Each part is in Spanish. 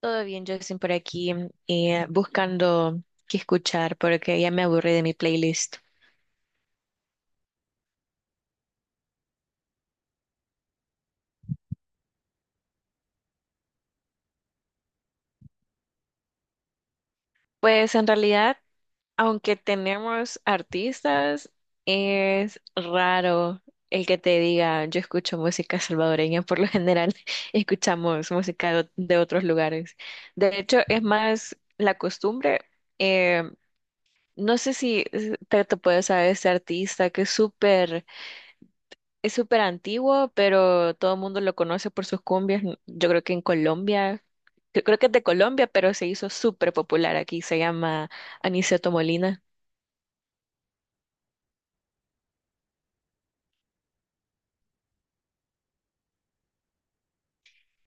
Todo bien, Jackson, por aquí, buscando qué escuchar porque ya me aburrí de mi playlist. Pues en realidad, aunque tenemos artistas, es raro el que te diga yo escucho música salvadoreña. Por lo general, escuchamos música de otros lugares. De hecho, es más la costumbre. eh, no sé si te, te puedes saber este artista que es súper. Es súper antiguo, pero todo el mundo lo conoce por sus cumbias. Yo creo que en Colombia, yo creo que es de Colombia, pero se hizo súper popular aquí. Se llama Aniceto Molina.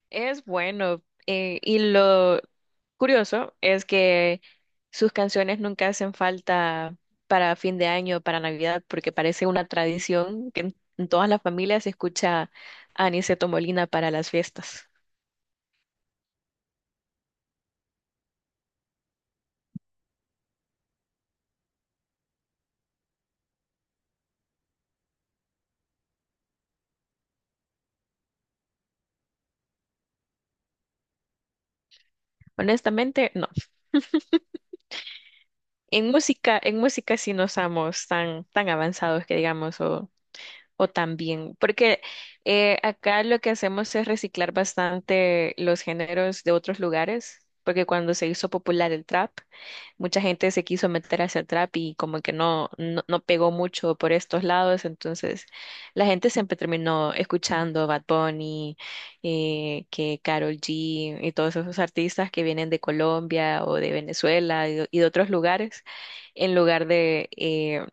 Es bueno. Y lo curioso es que sus canciones nunca hacen falta para fin de año, para Navidad, porque parece una tradición que en todas las familias se escucha a Aniceto Molina para las fiestas. Honestamente, no. En música sí no somos tan avanzados que digamos, o tan bien, porque acá lo que hacemos es reciclar bastante los géneros de otros lugares, porque cuando se hizo popular el trap, mucha gente se quiso meter hacia el trap y como que no, no, no pegó mucho por estos lados, entonces la gente siempre terminó escuchando Bad Bunny, que Karol G y todos esos artistas que vienen de Colombia o de Venezuela y de otros lugares, en lugar de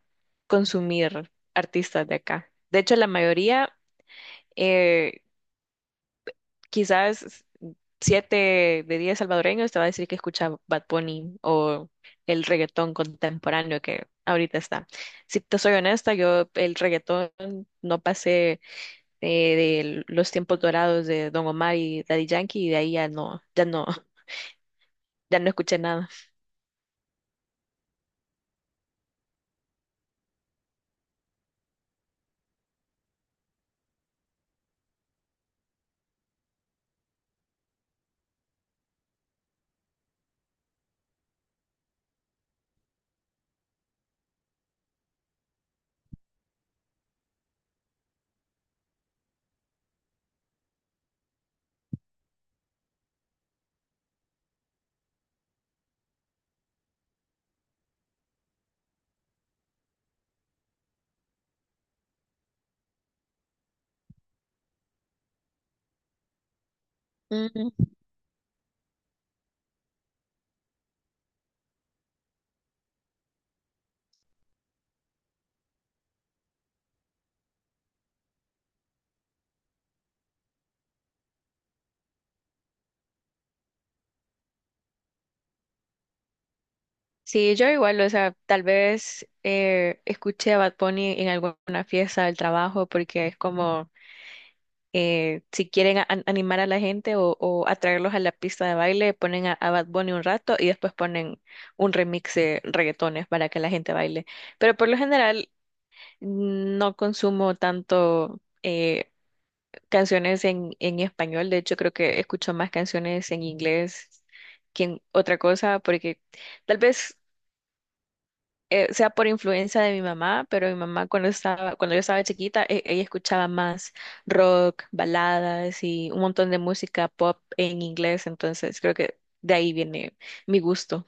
consumir artistas de acá. De hecho, la mayoría… eh, quizás 7 de 10 salvadoreños te va a decir que escucha Bad Bunny o el reggaetón contemporáneo que ahorita está. Si te soy honesta, yo el reggaetón no pasé, eh, de los tiempos dorados de Don Omar y Daddy Yankee y de ahí ya no, ya no, ya no escuché nada. Mm, sí, yo igual, o sea, tal vez escuché a Bad Bunny en alguna fiesta del trabajo porque es como, si quieren animar a la gente o atraerlos a la pista de baile, ponen a Bad Bunny un rato y después ponen un remix de reggaetones para que la gente baile. Pero por lo general no consumo tanto canciones en español. De hecho creo que escucho más canciones en inglés que en otra cosa, porque tal vez sea por influencia de mi mamá, pero mi mamá cuando yo estaba chiquita, ella escuchaba más rock, baladas y un montón de música pop en inglés, entonces creo que de ahí viene mi gusto.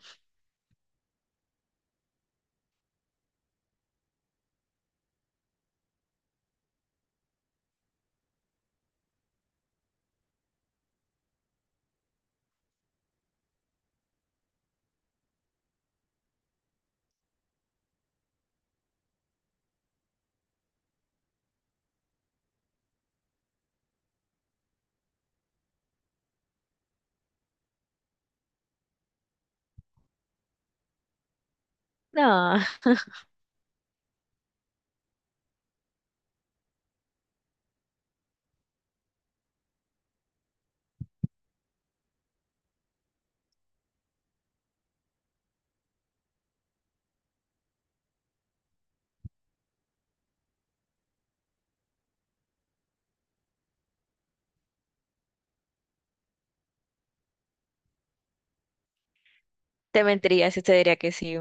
No, te mentiría si te diría que sí.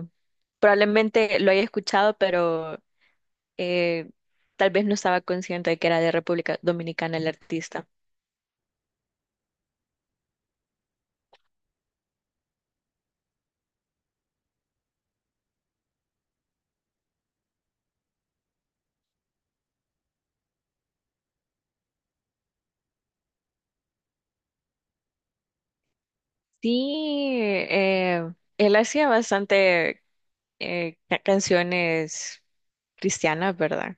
Probablemente lo haya escuchado, pero eh, tal vez no estaba consciente de que era de República Dominicana el artista. Sí, eh, él hacía bastante canciones cristianas, ¿verdad?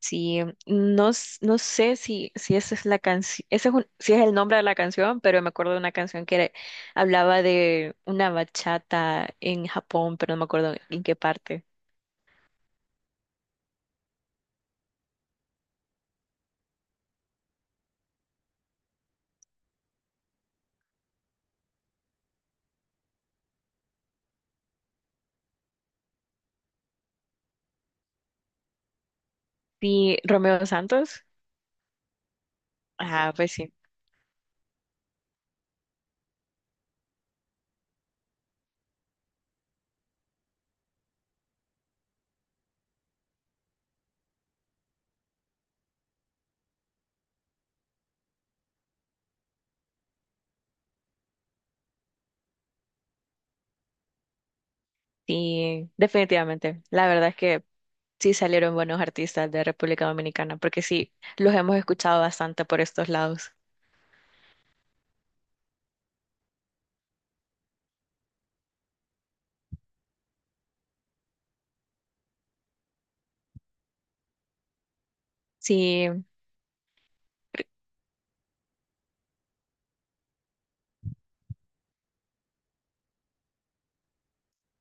Sí, no, no sé si esa es la canción, ese es si es el nombre de la canción, pero me acuerdo de una canción que era, hablaba de una bachata en Japón, pero no me acuerdo en qué parte. Sí, Romeo Santos. Ah, pues sí, sí, definitivamente. La verdad es que sí salieron buenos artistas de República Dominicana, porque sí, los hemos escuchado bastante por estos lados. Sí,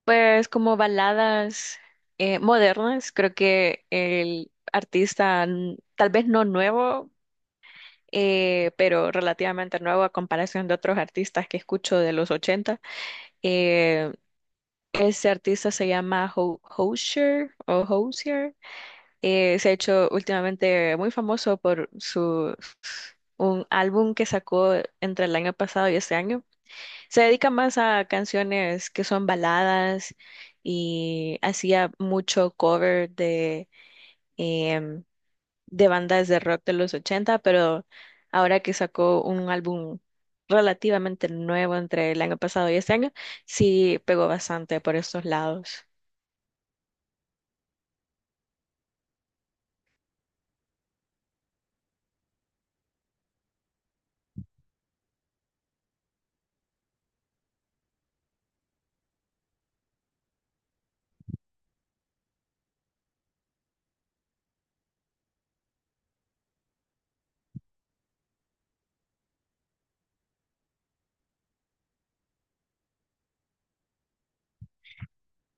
pues como baladas modernas. Creo que el artista, tal vez no nuevo, pero relativamente nuevo a comparación de otros artistas que escucho de los 80. eh, Ese artista se llama Hozier o Hozier. Se ha hecho últimamente muy famoso por su un álbum que sacó entre el año pasado y este año. Se dedica más a canciones que son baladas y hacía mucho cover em, de bandas de rock de los ochenta, pero ahora que sacó un álbum relativamente nuevo entre el año pasado y este año, sí pegó bastante por estos lados.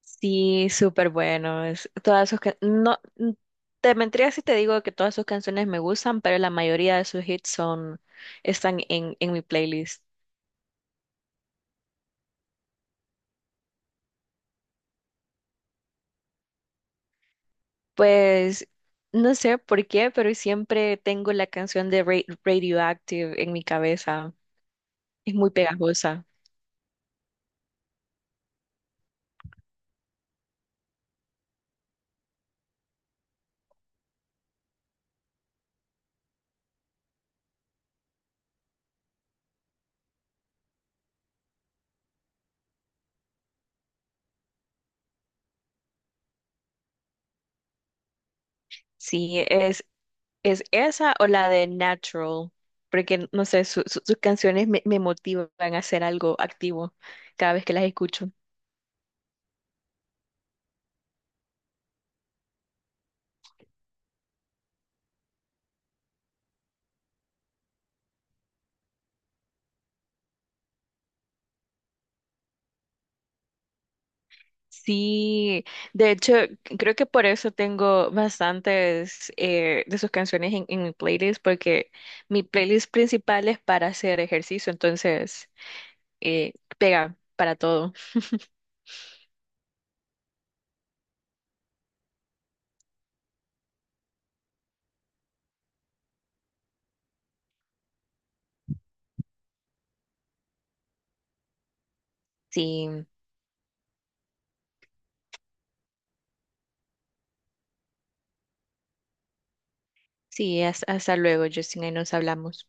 Sí, súper bueno. Todas sus, te mentiría si te digo que todas sus canciones me gustan, pero la mayoría de sus hits son, están en mi playlist. Pues no sé por qué, pero siempre tengo la canción de Radioactive en mi cabeza. Es muy pegajosa. Sí, es esa o la de Natural, porque no sé, sus canciones me, me motivan a hacer algo activo cada vez que las escucho. Sí, de hecho, creo que por eso tengo bastantes de sus canciones en mi playlist, porque mi playlist principal es para hacer ejercicio, entonces eh, pega para todo. Sí, sí, hasta luego, Justin, ahí nos hablamos.